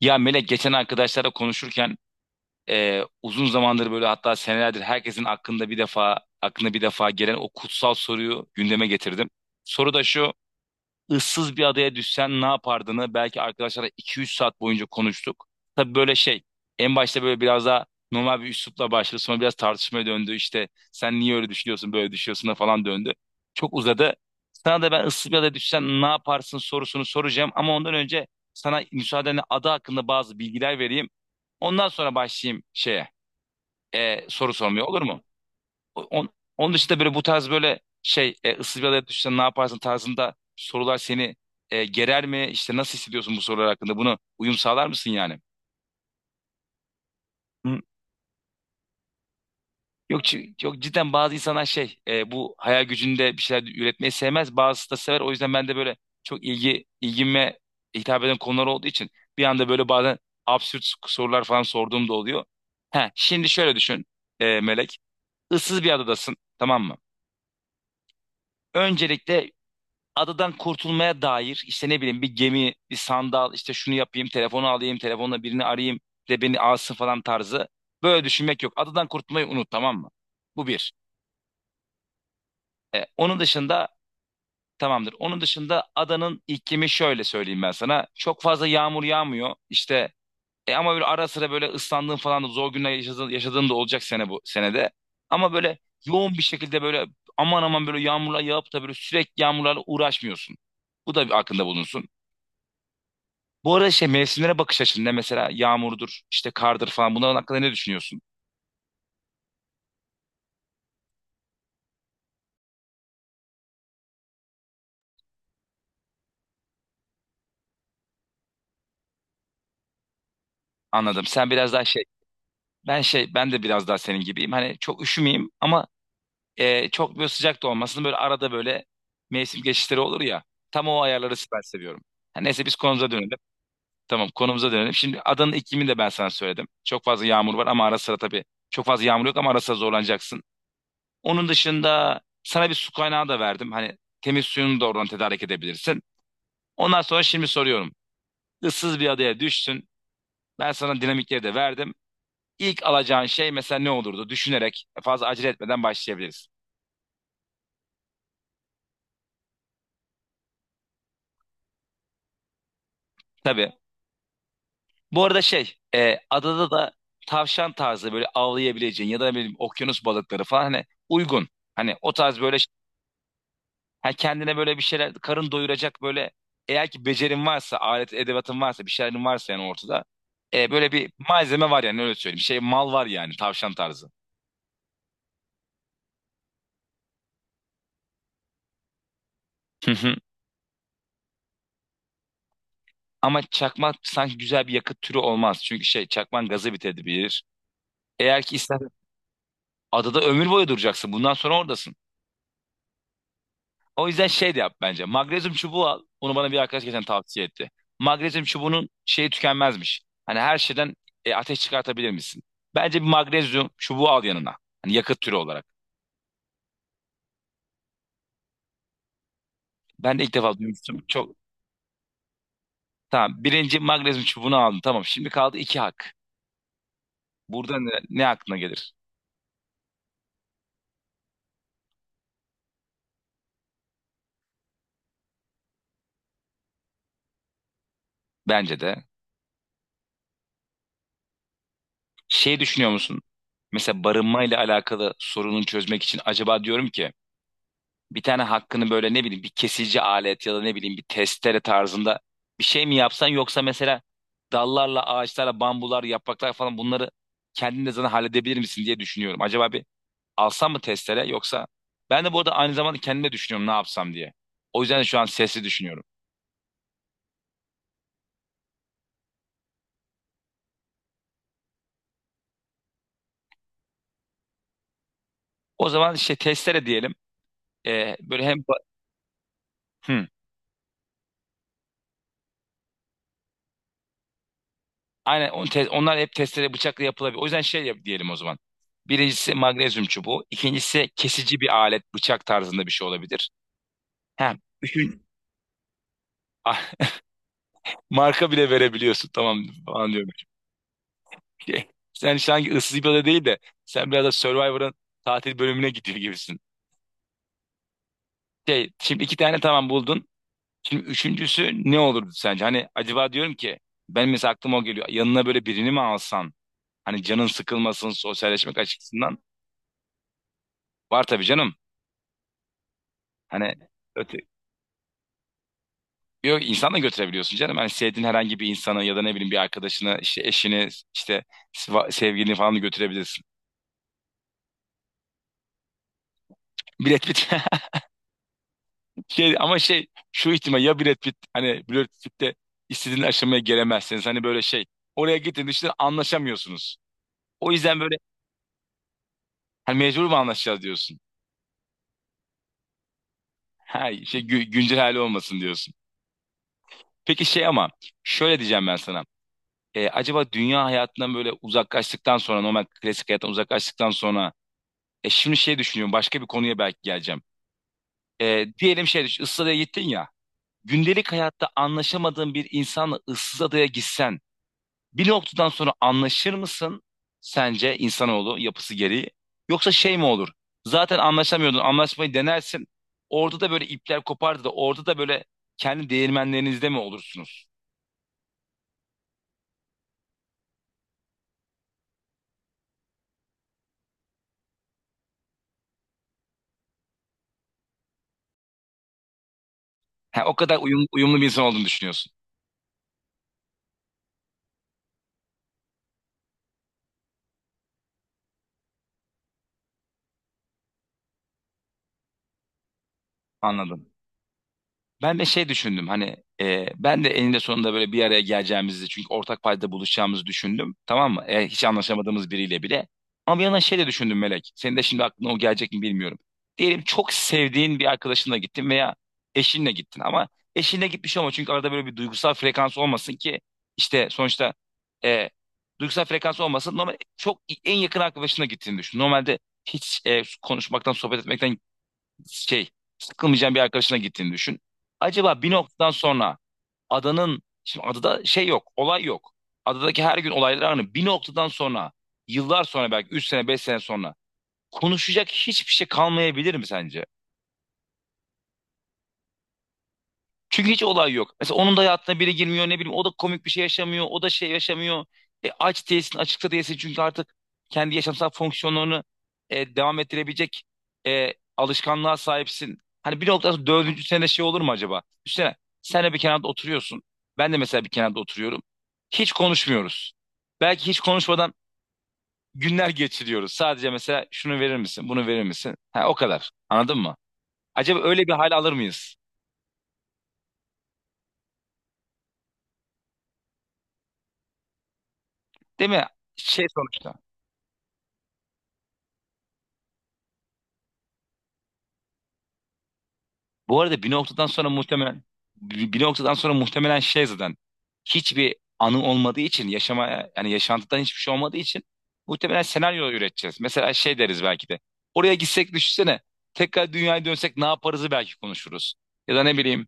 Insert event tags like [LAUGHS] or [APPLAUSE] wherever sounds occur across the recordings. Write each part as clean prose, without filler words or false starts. Ya Melek geçen arkadaşlarla konuşurken uzun zamandır böyle, hatta senelerdir herkesin aklında bir defa aklına bir defa gelen o kutsal soruyu gündeme getirdim. Soru da şu: ıssız bir adaya düşsen ne yapardığını belki arkadaşlarla 2-3 saat boyunca konuştuk. Tabii böyle şey, en başta böyle biraz daha normal bir üslupla başladı. Sonra biraz tartışmaya döndü. İşte sen niye öyle düşünüyorsun, böyle düşünüyorsun da falan döndü. Çok uzadı. Sana da ben ıssız bir adaya düşsen ne yaparsın sorusunu soracağım. Ama ondan önce sana, müsaadenle, ada hakkında bazı bilgiler vereyim. Ondan sonra başlayayım soru sormaya, olur mu? On- Onun dışında böyle, bu tarz böyle ıssız bir adaya düşsen ne yaparsın tarzında sorular seni gerer mi? İşte nasıl hissediyorsun bu sorular hakkında? Bunu uyum sağlar mısın yani? Hı. Yok, cidden bazı insanlar bu hayal gücünde bir şeyler üretmeyi sevmez. Bazısı da sever. O yüzden ben de böyle, çok ilgime hitap eden konular olduğu için, bir anda böyle bazen absürt sorular falan sorduğum da oluyor. He, şimdi şöyle düşün Melek. Issız bir adadasın, tamam mı? Öncelikle adadan kurtulmaya dair, işte ne bileyim, bir gemi, bir sandal, işte şunu yapayım, telefonu alayım, telefonla birini arayayım de beni alsın falan tarzı, böyle düşünmek yok. Adadan kurtulmayı unut, tamam mı? Bu bir. Onun dışında tamamdır. Onun dışında adanın iklimi, şöyle söyleyeyim ben sana: çok fazla yağmur yağmıyor. İşte ama böyle ara sıra böyle ıslandığın falan da, zor günler yaşadığın da olacak sene, bu senede. Ama böyle yoğun bir şekilde böyle aman aman böyle yağmurlar yağıp da böyle sürekli yağmurlarla uğraşmıyorsun. Bu da bir aklında bulunsun. Bu arada, şey, mevsimlere bakış açında mesela yağmurdur, işte kardır falan, bunların hakkında ne düşünüyorsun? Anladım. Sen biraz daha şey, ben şey, Ben de biraz daha senin gibiyim. Hani çok üşümeyeyim ama çok böyle sıcak da olmasın. Böyle arada böyle mevsim geçişleri olur ya. Tam o ayarları ben seviyorum. Ha, neyse biz konumuza dönelim. Tamam, konumuza dönelim. Şimdi adanın iklimini de ben sana söyledim. Çok fazla yağmur var ama ara sıra tabii, çok fazla yağmur yok ama ara sıra zorlanacaksın. Onun dışında sana bir su kaynağı da verdim. Hani temiz suyunu da oradan tedarik edebilirsin. Ondan sonra şimdi soruyorum: ıssız bir adaya düştün. Ben sana dinamikleri de verdim. İlk alacağın şey mesela ne olurdu? Düşünerek, fazla acele etmeden başlayabiliriz. Tabii. Bu arada adada da tavşan tarzı böyle avlayabileceğin, ya da ne bileyim okyanus balıkları falan hani uygun. Hani o tarz böyle ha, kendine böyle bir şeyler, karın doyuracak böyle, eğer ki becerin varsa, alet edevatın varsa, bir şeylerin varsa yani. Ortada böyle bir malzeme var yani, öyle söyleyeyim. Şey mal var yani, tavşan tarzı. [LAUGHS] Ama çakmak sanki güzel bir yakıt türü olmaz. Çünkü çakman gazı bitebilir. Eğer ki ister, adada ömür boyu duracaksın. Bundan sonra oradasın. O yüzden şey de yap bence. Magnezyum çubuğu al. Onu bana bir arkadaş geçen tavsiye etti. Magnezyum çubuğunun şeyi tükenmezmiş. Hani her şeyden ateş çıkartabilir misin? Bence bir magnezyum çubuğu al yanına, hani yakıt türü olarak. Ben de ilk defa duymuştum. Çok tamam. Birinci, magnezyum çubuğunu aldın. Tamam. Şimdi kaldı iki hak. Burada ne aklına gelir? Bence de. Şey düşünüyor musun? Mesela barınmayla alakalı sorunu çözmek için acaba diyorum ki, bir tane hakkını böyle, ne bileyim, bir kesici alet ya da ne bileyim bir testere tarzında bir şey mi yapsan, yoksa mesela dallarla, ağaçlarla, bambular, yapraklar falan, bunları kendin de zaten halledebilir misin diye düşünüyorum. Acaba bir alsam mı testere, yoksa? Ben de bu arada aynı zamanda kendime düşünüyorum ne yapsam diye. O yüzden de şu an sesli düşünüyorum. O zaman işte testere diyelim. Böyle hem... Hı. Aynen, onlar hep testere bıçakla yapılabilir. O yüzden şey yap diyelim o zaman. Birincisi magnezyum çubuğu. İkincisi kesici bir alet, bıçak tarzında bir şey olabilir. Ha, üçün... ah, [LAUGHS] marka bile verebiliyorsun, tamam falan diyorum. Şey, Sen sanki ıssız bir ada değil de, sen biraz da Survivor'ın tatil bölümüne gidiyor gibisin. Şimdi iki tane tamam buldun. Şimdi üçüncüsü ne olurdu sence? Hani acaba diyorum ki, ben mesela aklıma o geliyor, yanına böyle birini mi alsan? Hani canın sıkılmasın, sosyalleşmek açısından. Var tabii canım. Hani, yok, insan da götürebiliyorsun canım. Hani sevdiğin herhangi bir insanı ya da ne bileyim bir arkadaşını, işte eşini, işte sevgilini falan da götürebilirsin. Brad Pitt. [LAUGHS] Ama şu ihtimal ya, Brad Pitt, hani Brad Pitt'te istediğin aşamaya gelemezseniz, hani böyle şey, oraya gittiğinde işte anlaşamıyorsunuz. O yüzden böyle, hani mecbur mu anlaşacağız diyorsun. Ha, güncel hali olmasın diyorsun. Peki ama şöyle diyeceğim ben sana. Acaba dünya hayatından böyle uzaklaştıktan sonra, normal klasik hayattan uzaklaştıktan sonra, şimdi düşünüyorum başka bir konuya belki geleceğim. Diyelim düşün, ıssız adaya gittin ya. Gündelik hayatta anlaşamadığın bir insanla ıssız adaya gitsen, bir noktadan sonra anlaşır mısın sence, insanoğlu yapısı gereği? Yoksa şey mi olur, zaten anlaşamıyordun, anlaşmayı denersin, orada da böyle ipler kopardı da orada da böyle kendi değirmenlerinizde mi olursunuz? Ha, o kadar uyumlu bir insan olduğunu düşünüyorsun. Anladım. Ben de düşündüm hani, ben de eninde sonunda böyle bir araya geleceğimizi, çünkü ortak payda buluşacağımızı düşündüm, tamam mı? Hiç anlaşamadığımız biriyle bile. Ama bir yandan şey de düşündüm Melek. Senin de şimdi aklına o gelecek mi bilmiyorum. Diyelim çok sevdiğin bir arkadaşınla gittin veya eşinle gittin, ama eşinle gitmiş olma, çünkü arada böyle bir duygusal frekans olmasın ki. İşte sonuçta, e, duygusal frekans olmasın. Normal, çok en yakın arkadaşına gittiğini düşün. Normalde hiç konuşmaktan, sohbet etmekten şey sıkılmayacağın bir arkadaşına gittiğini düşün. Acaba bir noktadan sonra, şimdi adada şey yok, olay yok. Adadaki her gün olaylar aynı. Bir noktadan sonra, yıllar sonra, belki 3 sene, 5 sene sonra, konuşacak hiçbir şey kalmayabilir mi sence? Çünkü hiç olay yok. Mesela onun da hayatına biri girmiyor, ne bileyim, o da komik bir şey yaşamıyor, o da şey yaşamıyor. Aç değilsin, açıkta değilsin, çünkü artık kendi yaşamsal fonksiyonlarını devam ettirebilecek alışkanlığa sahipsin. Hani bir noktada sonra, dördüncü sene şey olur mu acaba? Üstüne sen de bir kenarda oturuyorsun, ben de mesela bir kenarda oturuyorum, hiç konuşmuyoruz. Belki hiç konuşmadan günler geçiriyoruz. Sadece mesela şunu verir misin, bunu verir misin? Ha, o kadar. Anladın mı? Acaba öyle bir hal alır mıyız? Değil mi? Sonuçta, bu arada bir noktadan sonra muhtemelen, bir noktadan sonra muhtemelen zaten, hiçbir anı olmadığı için yaşama, yani yaşantıdan hiçbir şey olmadığı için, muhtemelen senaryo üreteceğiz. Mesela şey deriz belki de: oraya gitsek düşünsene, tekrar dünyaya dönsek ne yaparızı belki konuşuruz. Ya da ne bileyim,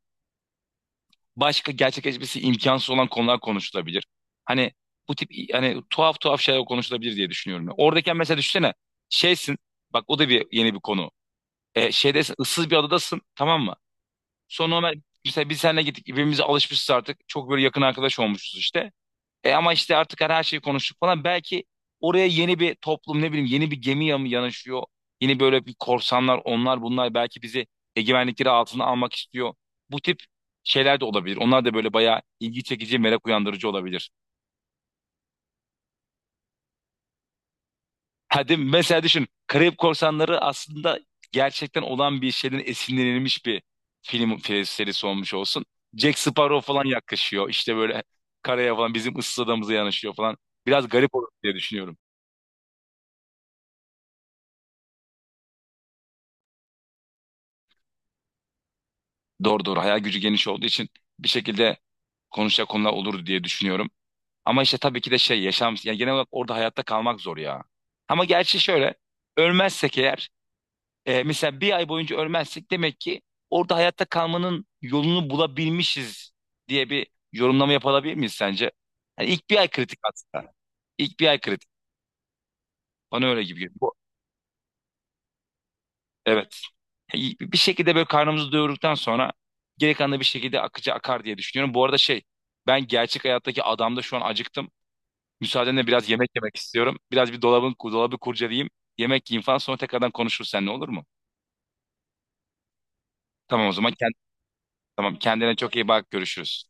başka gerçekleşmesi imkansız olan konular konuşulabilir. Hani bu tip, hani tuhaf tuhaf şeyler konuşulabilir diye düşünüyorum. Oradayken mesela düşünsene, şeysin, bak, o da bir yeni bir konu. E, şeyde ıssız bir adadasın, tamam mı? Sonra Ömer, mesela biz seninle gittik, birbirimize alışmışız artık, çok böyle yakın arkadaş olmuşuz işte. E ama işte artık her şeyi konuştuk falan. Belki oraya yeni bir toplum, ne bileyim, yeni bir gemi yanaşıyor. Yeni böyle bir korsanlar, onlar bunlar, belki bizi egemenlikleri altına almak istiyor. Bu tip şeyler de olabilir. Onlar da böyle bayağı ilgi çekici, merak uyandırıcı olabilir. Hadi mesela düşün, Karayip Korsanları aslında gerçekten olan bir şeyden esinlenilmiş bir film serisi olmuş olsun. Jack Sparrow falan yaklaşıyor, İşte böyle karaya falan, bizim ıssız adamıza yanaşıyor falan. Biraz garip olur diye düşünüyorum. Doğru, doğru, hayal gücü geniş olduğu için bir şekilde konuşacak konular olurdu diye düşünüyorum. Ama işte tabii ki de şey, yaşam yani genel olarak orada hayatta kalmak zor ya. Ama gerçi şöyle, ölmezsek eğer, mesela 1 ay boyunca ölmezsek, demek ki orada hayatta kalmanın yolunu bulabilmişiz diye bir yorumlama yapabilir miyiz sence? Yani ilk 1 ay kritik aslında. İlk 1 ay kritik. Bana öyle gibi geliyor. Evet. Yani bir şekilde böyle karnımızı doyurduktan sonra, geri kalan da bir şekilde akıcı akar diye düşünüyorum. Bu arada ben gerçek hayattaki adamda şu an acıktım. Müsaadenle biraz yemek yemek istiyorum. Biraz bir dolabı kurcalayayım. Yemek yiyeyim falan, sonra tekrardan konuşuruz seninle, olur mu? Tamam, o zaman tamam, kendine çok iyi bak, görüşürüz.